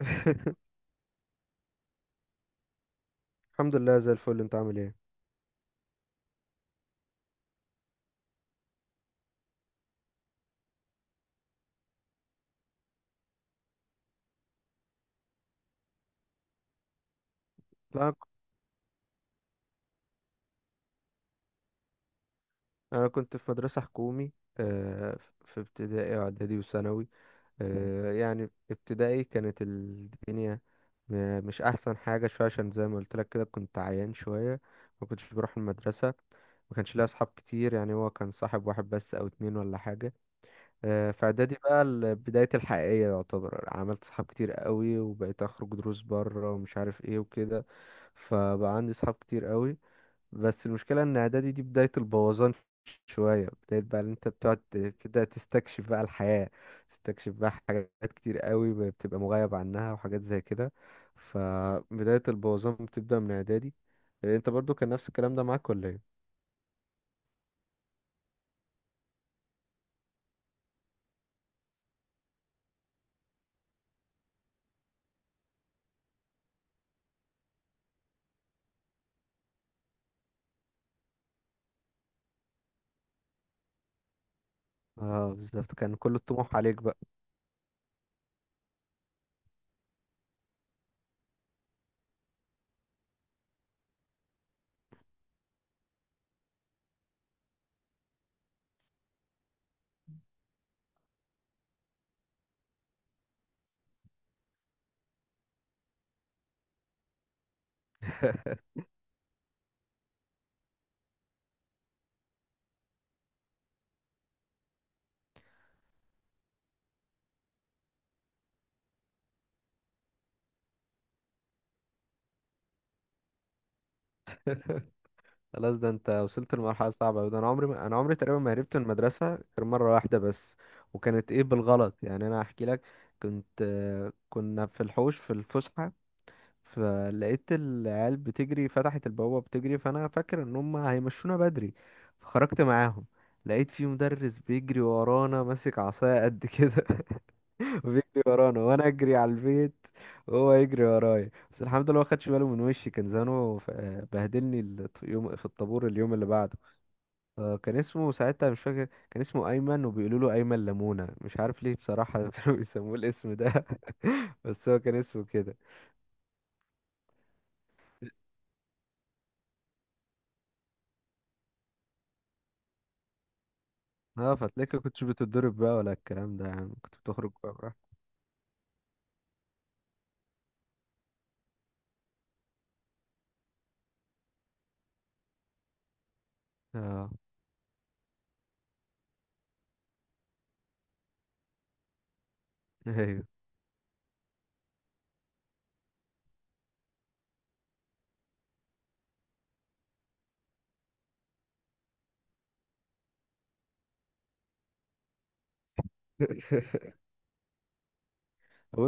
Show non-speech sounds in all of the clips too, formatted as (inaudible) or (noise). (laughs) الحمد لله زي الفل، انت عامل ايه؟ لا، أنا كنت في مدرسة حكومي. في ابتدائي واعدادي وثانوي. يعني ابتدائي كانت الدنيا مش احسن حاجة شوية، عشان زي ما قلت لك كده كنت عيان شوية، ما كنتش بروح المدرسة. ما كانش ليا اصحاب كتير، يعني هو كان صاحب واحد بس او اتنين ولا حاجة. في اعدادي بقى بدايتي الحقيقية يعتبر، عملت صحاب كتير قوي وبقيت اخرج دروس بره ومش عارف ايه وكده. فبقى عندي صحاب كتير قوي، بس المشكلة ان اعدادي دي بداية البوظان. شوية بداية بقى اللي انت بتقعد بتبدأ تستكشف بقى الحياة، تستكشف بقى حاجات كتير قوي بتبقى مغيب عنها وحاجات زي كده. فبداية البوظان بتبدأ من اعدادي. إيه، انت برضو كان نفس الكلام ده معاك ولا ايه؟ اه، بالظبط، كان كل الطموح عليك بقى. (laughs) خلاص، ده انت وصلت لمرحلة صعبة أوي. ده انا عمري ما... انا عمري تقريبا ما هربت من المدرسة غير مرة واحدة بس. وكانت ايه بالغلط يعني، انا احكي لك. كنت آه، كنا في الحوش في الفسحة، فلقيت العيال بتجري فتحت البوابة بتجري، فأنا فاكر إن هم هيمشونا بدري فخرجت معاهم. لقيت في مدرس بيجري ورانا ماسك عصاية قد كده، (laughs) بيجري ورانا وأنا أجري على البيت وهو يجري ورايا. بس الحمد لله ما خدش باله من وشي، كان زانه بهدلني يوم في الطابور اليوم اللي بعده. كان اسمه ساعتها مش فاكر، كان اسمه أيمن، وبيقولوا له أيمن لمونة، مش عارف ليه بصراحة. (laughs) كانوا بيسموه الاسم ده. (laughs) بس هو كان اسمه كده. اه، فتلاقيك كنتش بتتضرب بقى ولا الكلام ده، يا عم كنت بتخرج بقى براحتك؟ اه، ايوه. (laughs) و-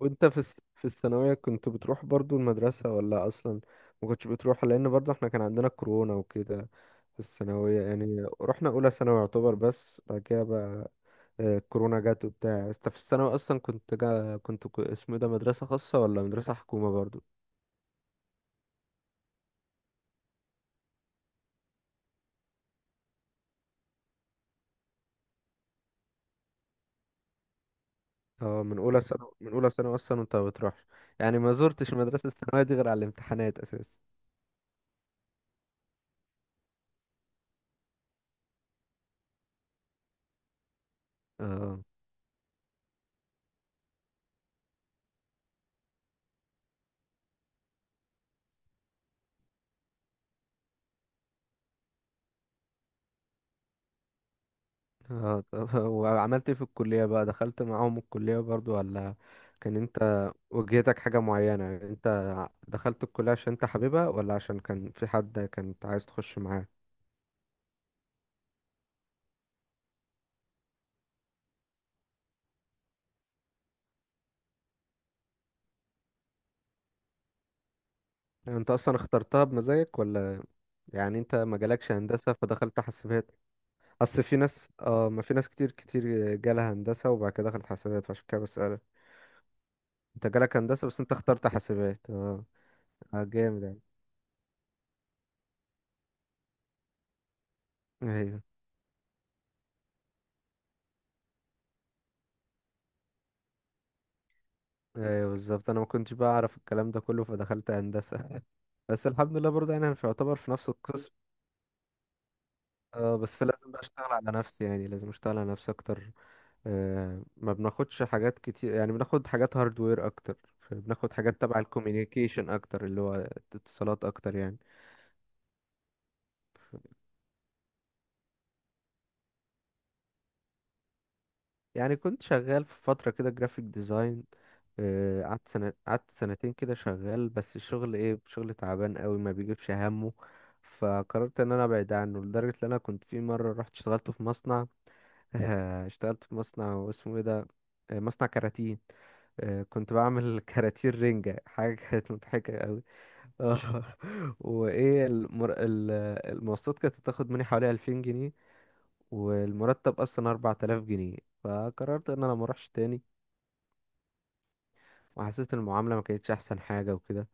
وانت في في الثانوية كنت بتروح برضو المدرسة ولا اصلا ما كنتش بتروح، لان برضو احنا كان عندنا كورونا وكده؟ في الثانوية يعني رحنا اولى ثانوي يعتبر، بس بعد كده بقى الكورونا جت وبتاع. انت في الثانوي اصلا كنت جا كنت ك- اسمه إيه ده، مدرسة خاصة ولا مدرسة حكومة برضو؟ اه، من اولى ثانوي، اصلا وانت ما بتروحش، يعني ما زرتش المدرسة الثانوية دي غير على الامتحانات اساسا. اه. اه، طب، (laughs) وعملت ايه في الكلية بقى؟ دخلت معاهم الكلية برضو ولا كان انت وجهتك حاجة معينة؟ يعني انت دخلت الكلية عشان انت حاببها ولا عشان كان في حد كنت عايز تخش معاه؟ يعني انت اصلا اخترتها بمزاجك، ولا يعني انت ما جالكش هندسة فدخلت حاسبات؟ اصل في ناس، اه، ما في ناس كتير كتير جالها هندسة وبعد كده دخلت حاسبات، فعشان كده بسألك. انت جالك هندسة بس انت اخترت حاسبات؟ اه، جامد يعني. ايوه، ايوه، بالظبط، انا ما كنتش بقى اعرف الكلام ده كله فدخلت هندسه. (laughs) بس الحمد لله برضه، يعني انا مش يعتبر في نفس القسم. اه، بس لازم بقى اشتغل على نفسي، يعني لازم اشتغل على نفسي اكتر. ما بناخدش حاجات كتير، يعني بناخد حاجات هاردوير اكتر، بناخد حاجات تبع الكوميونيكيشن اكتر، اللي هو اتصالات اكتر يعني. يعني كنت شغال في فترة كده جرافيك ديزاين، قعدت سنة، قعدت سنتين كده شغال، بس الشغل ايه، شغل تعبان قوي ما بيجيبش همه. فقررت ان انا ابعد عنه، لدرجة ان انا كنت في مرة رحت اشتغلت في مصنع. (laughs) اشتغلت في مصنع اسمه ايه ده، مصنع كراتين. كنت بعمل (laughs) كراتين رنجة، حاجة كانت مضحكة قوي. اه. (laughs) وايه المر... ال- المواصلات كانت بتاخد مني حوالي 2000 جنيه، والمرتب اصلا 4000 جنيه، فقررت ان انا ما اروحش تاني. وحسيت ان المعامله ما كانتش احسن حاجه وكده،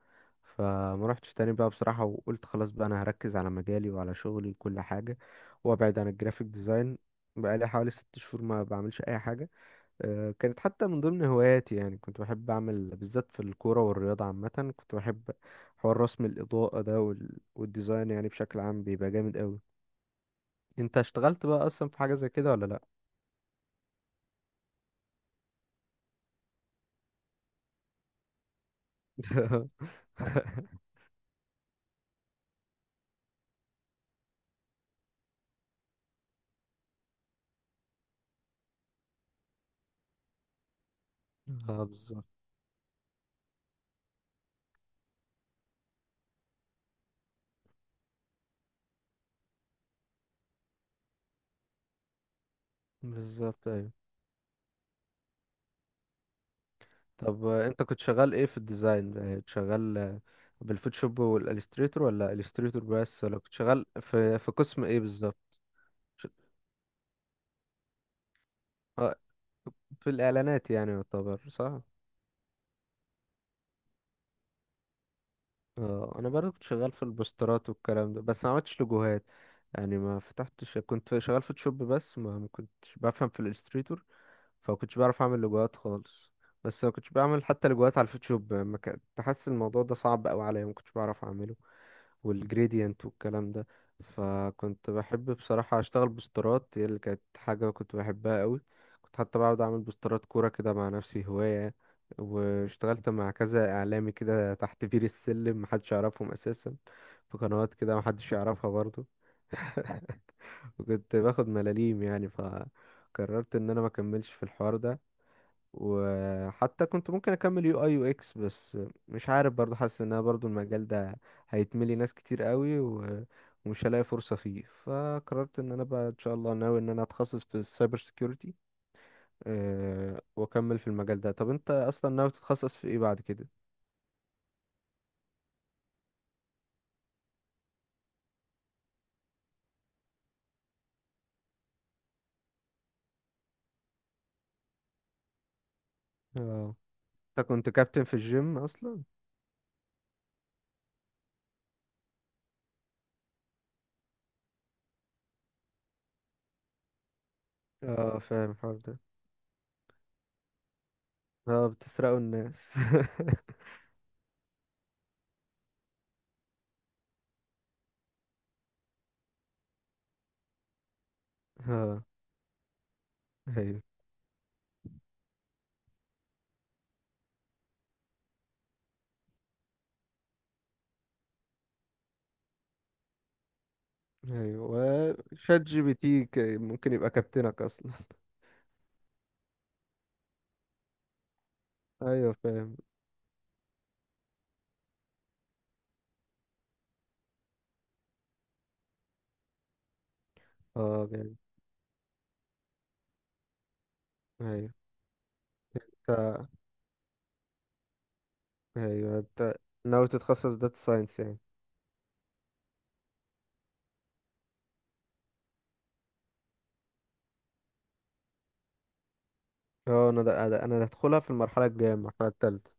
فما روحتش تاني بقى بصراحه، وقلت خلاص بقى انا هركز على مجالي وعلى شغلي وكل حاجه، وابعد عن الجرافيك ديزاين. بقالي حوالي 6 شهور ما بعملش اي حاجه. كانت حتى من ضمن هواياتي، يعني كنت بحب اعمل بالذات في الكوره والرياضه عامه، كنت بحب حوار رسم الاضاءه ده والديزاين، يعني بشكل عام بيبقى جامد قوي. انت اشتغلت بقى اصلا في حاجه زي كده ولا؟ لا. (laughs) اه، بالظبط. بالظبط، ايوه. طب، انت كنت شغال ايه في الديزاين؟ يعني كنت شغال، بالفوتوشوب والاليستريتور، ولا اليستريتور بس، ولا كنت شغال في قسم ايه بالظبط؟ ش- آه، في الاعلانات يعني، يعتبر صح؟ اه، انا برضه كنت شغال في البوسترات والكلام ده بس ما عملتش لوجوهات. يعني ما فتحتش، كنت شغال فوتوشوب بس، ما كنتش بفهم في الاليستريتور، فما كنتش بعرف اعمل لوجوهات خالص. بس ما كنتش بعمل حتى لوجوهات على الفوتوشوب، يعني ما كنت حاسس، الموضوع ده صعب قوي عليا، ما كنتش بعرف اعمله. والجريدينت والكلام ده. فكنت بحب بصراحة أشتغل بوسترات، هي اللي كانت حاجة كنت بحبها قوي. كنت حتى بقعد أعمل بوسترات كورة كده مع نفسي هواية. واشتغلت مع كذا إعلامي كده تحت بير السلم محدش يعرفهم أساسا، في قنوات كده محدش يعرفها برضو. (laughs) وكنت باخد ملاليم يعني، فقررت إن أنا مكملش في الحوار ده. وحتى كنت ممكن اكمل يو اي يو اكس بس، مش عارف برضو، حاسس ان انا برضو المجال ده هيتملي ناس كتير قوي، ومش هلاقي فرصة فيه، فقررت ان انا بقى ان شاء الله ناوي ان انا اتخصص في السايبر سيكيورتي. واكمل في المجال ده. طب انت اصلا ناوي تتخصص في ايه بعد كده؟ اه، انت كنت كابتن في الجيم اصلا؟ اه، فاهم الحوار ده. اه، بتسرقوا الناس. (laughs) اه، ايوه، ايوه، وشات جي بي تي ممكن يبقى كابتنك اصلا. ايوه فاهم. اه، جامد. ايوه. ف- ايوه، انت ناوي تتخصص داتا ساينس يعني؟ اه، انا هدخلها في المرحله الجايه، المرحله الثالثه.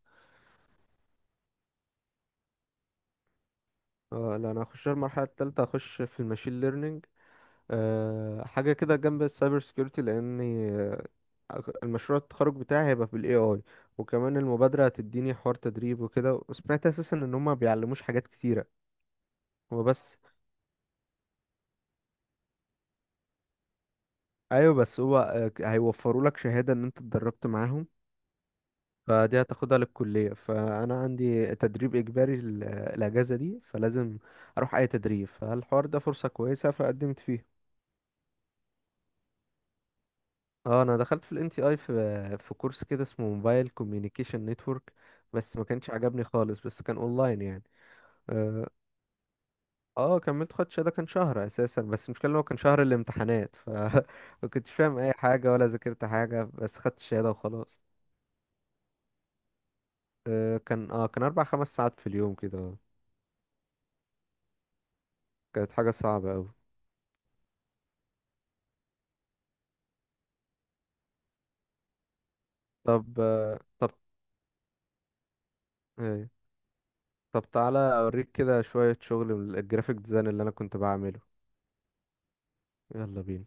اه، لا، انا هخش المرحله الثالثه، هخش في الماشين ليرنينج. أه، حاجه كده جنب السايبر سكيورتي لاني، المشروع التخرج بتاعي هيبقى بالاي اي، وكمان المبادره هتديني حوار تدريب وكده، وسمعت اساسا ان هما بيعلموش حاجات كتيره. هو بس ايوه، بس هو هيوفروا لك شهاده ان انت اتدربت معاهم، فدي هتاخدها للكلية، فأنا عندي تدريب إجباري الأجازة دي، فلازم أروح أي تدريب، فالحوار ده فرصة كويسة فقدمت فيه. اه، انا دخلت في الان تي اي في كورس كده اسمه موبايل كوميونيكيشن نتورك، بس ما كانش عجبني خالص، بس كان اونلاين يعني. اه. كملت خدش ده، كان شهر اساسا، بس المشكله إن هو كان شهر الامتحانات، ف (laughs) ما كنتش فاهم اي حاجه ولا ذاكرت حاجه، بس خدت الشهاده وخلاص. كان 4 5 ساعات في اليوم كده. كانت حاجه صعبه قوي. طب آه، طب ايه طب تعالى اوريك كده شوية شغل من الجرافيك ديزاين اللي انا كنت بعمله. يلا بينا.